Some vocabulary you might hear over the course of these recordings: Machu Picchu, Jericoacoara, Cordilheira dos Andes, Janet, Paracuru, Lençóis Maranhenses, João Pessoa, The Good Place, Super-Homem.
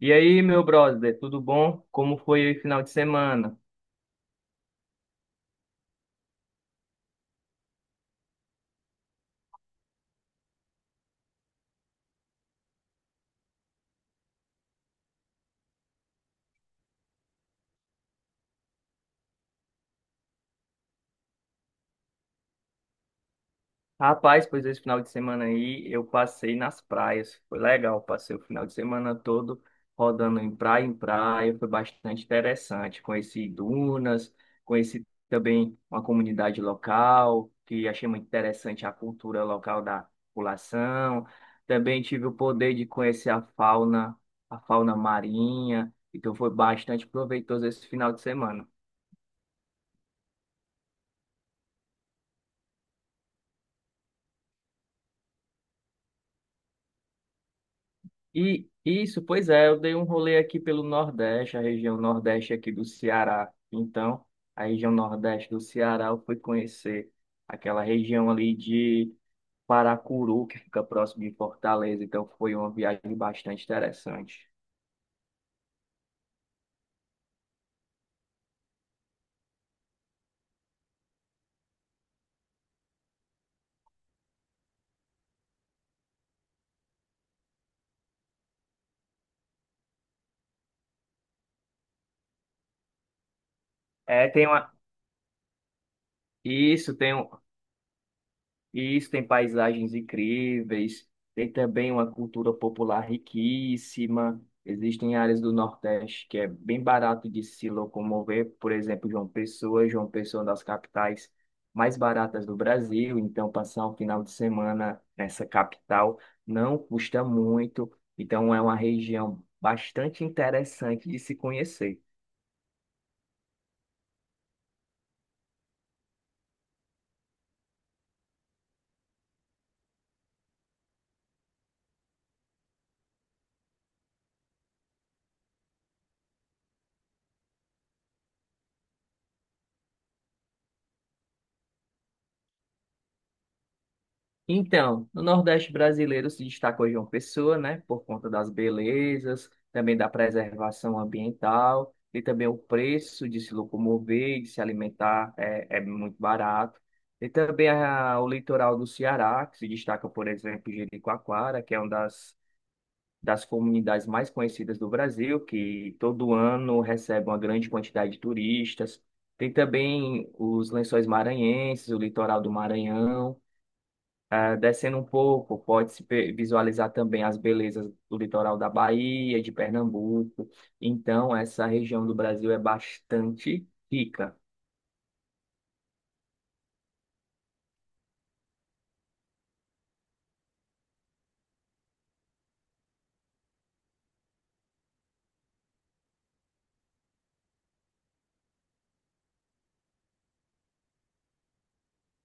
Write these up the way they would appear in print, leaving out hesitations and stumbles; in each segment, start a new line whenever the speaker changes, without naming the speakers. E aí, meu brother, tudo bom? Como foi o final de semana? Rapaz, pois esse final de semana aí eu passei nas praias. Foi legal, passei o final de semana todo rodando em praia em praia. Foi bastante interessante. Conheci dunas, conheci também uma comunidade local, que achei muito interessante a cultura local da população. Também tive o poder de conhecer a fauna marinha. Então foi bastante proveitoso esse final de semana. E isso, pois é, eu dei um rolê aqui pelo Nordeste, a região Nordeste aqui do Ceará. Então, a região Nordeste do Ceará, eu fui conhecer aquela região ali de Paracuru, que fica próximo de Fortaleza. Então, foi uma viagem bastante interessante. É, tem uma... Isso, tem um... E isso tem paisagens incríveis, tem também uma cultura popular riquíssima. Existem áreas do Nordeste que é bem barato de se locomover, por exemplo, João Pessoa. João Pessoa é uma das capitais mais baratas do Brasil, então passar um final de semana nessa capital não custa muito. Então é uma região bastante interessante de se conhecer. Então, no Nordeste brasileiro se destacou João Pessoa, né, por conta das belezas, também da preservação ambiental e também o preço de se locomover, de se alimentar é muito barato. E também o litoral do Ceará, que se destaca, por exemplo, Jericoacoara, que é uma das comunidades mais conhecidas do Brasil, que todo ano recebe uma grande quantidade de turistas. Tem também os Lençóis Maranhenses, o litoral do Maranhão. Ah, descendo um pouco, visualizar também as belezas do litoral da Bahia, de Pernambuco. Então, essa região do Brasil é bastante rica.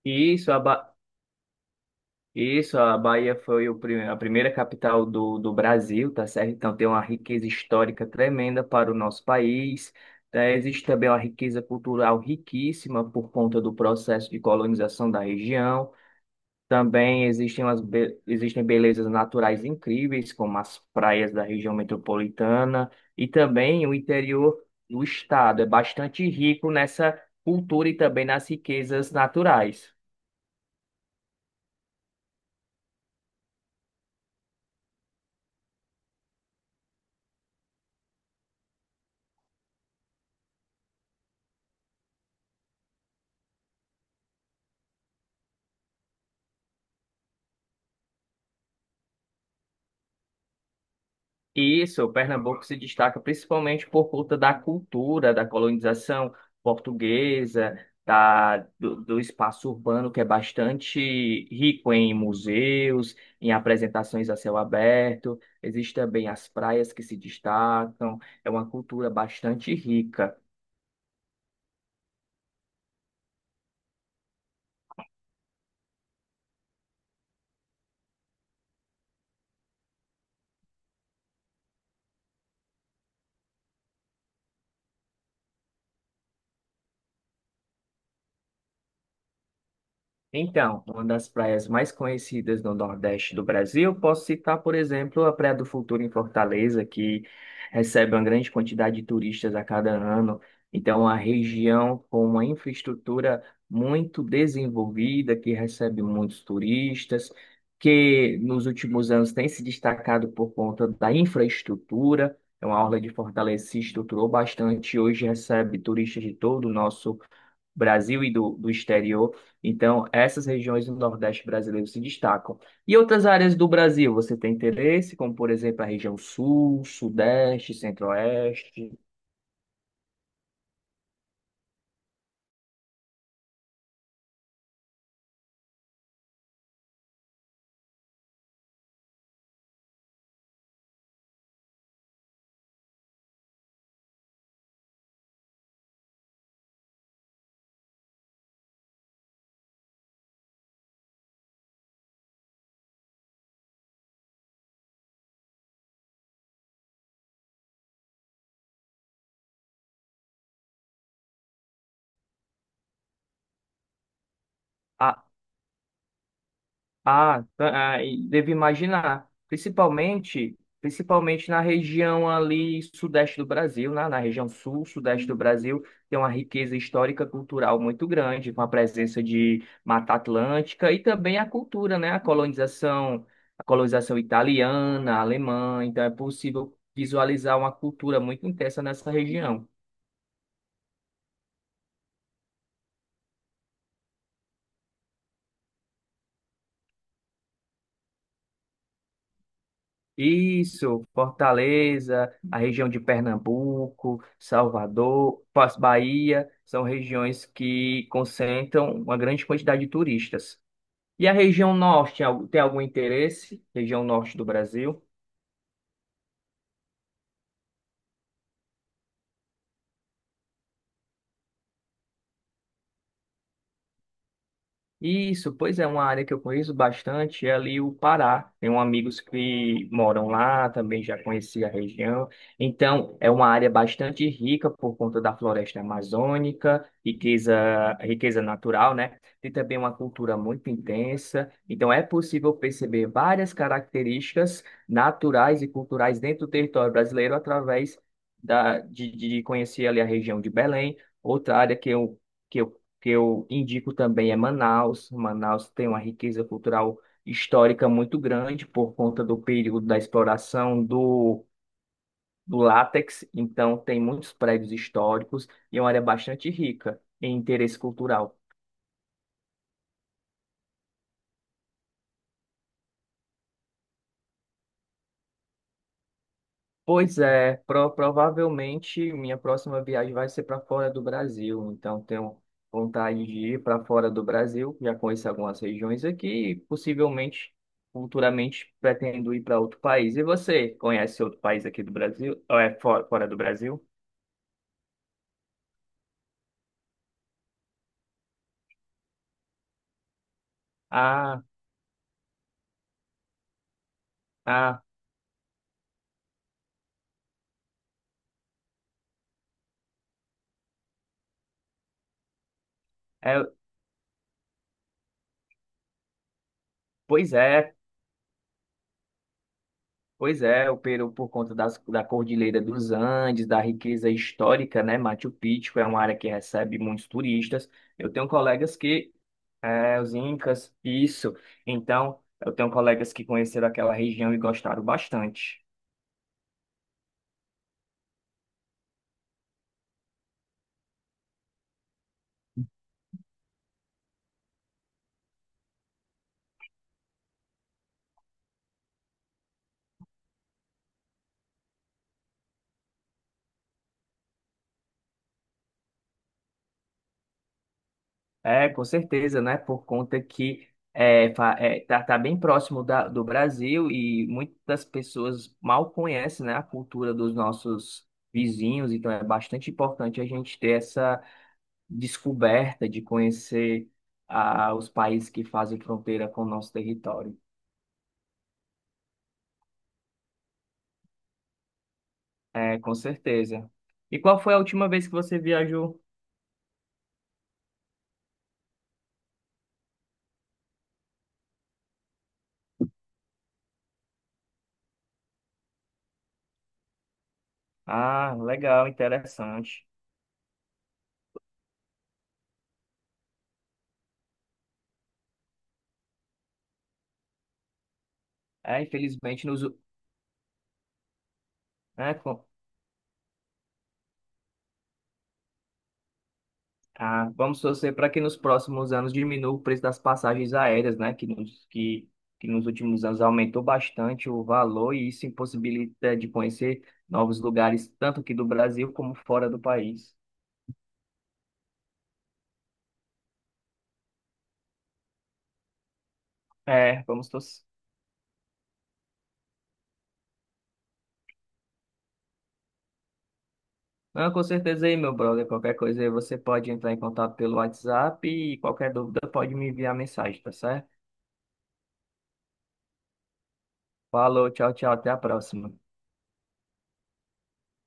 E Isso, a Ba- Isso, a Bahia foi o a primeira capital do Brasil, tá certo? Então tem uma riqueza histórica tremenda para o nosso país. Tá? Existe também uma riqueza cultural riquíssima por conta do processo de colonização da região. Também existem, existem belezas naturais incríveis, como as praias da região metropolitana, e também o interior do estado é bastante rico nessa cultura e também nas riquezas naturais. Isso, o Pernambuco se destaca principalmente por conta da cultura, da colonização portuguesa, do espaço urbano que é bastante rico em museus, em apresentações a céu aberto. Existem também as praias que se destacam, é uma cultura bastante rica. Então, uma das praias mais conhecidas no Nordeste do Brasil, posso citar, por exemplo, a Praia do Futuro em Fortaleza, que recebe uma grande quantidade de turistas a cada ano. Então, é uma região com uma infraestrutura muito desenvolvida, que recebe muitos turistas, que nos últimos anos tem se destacado por conta da infraestrutura. Então, a Orla de Fortaleza se estruturou bastante, e hoje recebe turistas de todo o nosso Brasil e do exterior. Então, essas regiões do Nordeste brasileiro se destacam. E outras áreas do Brasil, você tem interesse, como, por exemplo, a região Sul, Sudeste, Centro-Oeste? Ah, e devo imaginar, principalmente, principalmente na região ali sudeste do Brasil, né? Na região sul, sudeste do Brasil, tem uma riqueza histórica cultural muito grande, com a presença de Mata Atlântica e também a cultura, né? A colonização italiana, alemã, então é possível visualizar uma cultura muito intensa nessa região. Isso, Fortaleza, a região de Pernambuco, Salvador, Bahia, são regiões que concentram uma grande quantidade de turistas. E a região norte, tem algum interesse? Região norte do Brasil? Isso, pois é, uma área que eu conheço bastante é ali o Pará. Tenho amigos que moram lá, também já conheci a região. Então, é uma área bastante rica por conta da floresta amazônica, riqueza natural, né? Tem também uma cultura muito intensa. Então, é possível perceber várias características naturais e culturais dentro do território brasileiro através de conhecer ali a região de Belém, outra área que eu que eu indico também é Manaus. Manaus tem uma riqueza cultural histórica muito grande por conta do período da exploração do látex, então tem muitos prédios históricos e é uma área bastante rica em interesse cultural. Pois é, provavelmente minha próxima viagem vai ser para fora do Brasil, então tenho vontade de ir para fora do Brasil, já conheço algumas regiões aqui e possivelmente, futuramente, pretendo ir para outro país. E você, conhece outro país aqui do Brasil? Ou é fora, fora do Brasil? Ah, ah, é, pois é, Pois é, o Peru, por conta da Cordilheira dos Andes, da riqueza histórica, né? Machu Picchu é uma área que recebe muitos turistas. Eu tenho colegas que. É, os Incas, isso. Então, eu tenho colegas que conheceram aquela região e gostaram bastante. É, com certeza, né? Por conta que tá, tá bem próximo do Brasil e muitas pessoas mal conhecem, né, a cultura dos nossos vizinhos, então é bastante importante a gente ter essa descoberta, de conhecer ah, os países que fazem fronteira com o nosso território. É, com certeza. E qual foi a última vez que você viajou? Ah, legal, interessante. É, infelizmente, nos... é, com- ah, vamos torcer para que nos próximos anos diminua o preço das passagens aéreas, né? Que que nos últimos anos aumentou bastante o valor e isso impossibilita de conhecer novos lugares, tanto aqui do Brasil como fora do país. É, vamos torcer. Não, com certeza aí, meu brother. Qualquer coisa aí você pode entrar em contato pelo WhatsApp e qualquer dúvida pode me enviar mensagem, tá certo? Falou, tchau, tchau, até a próxima.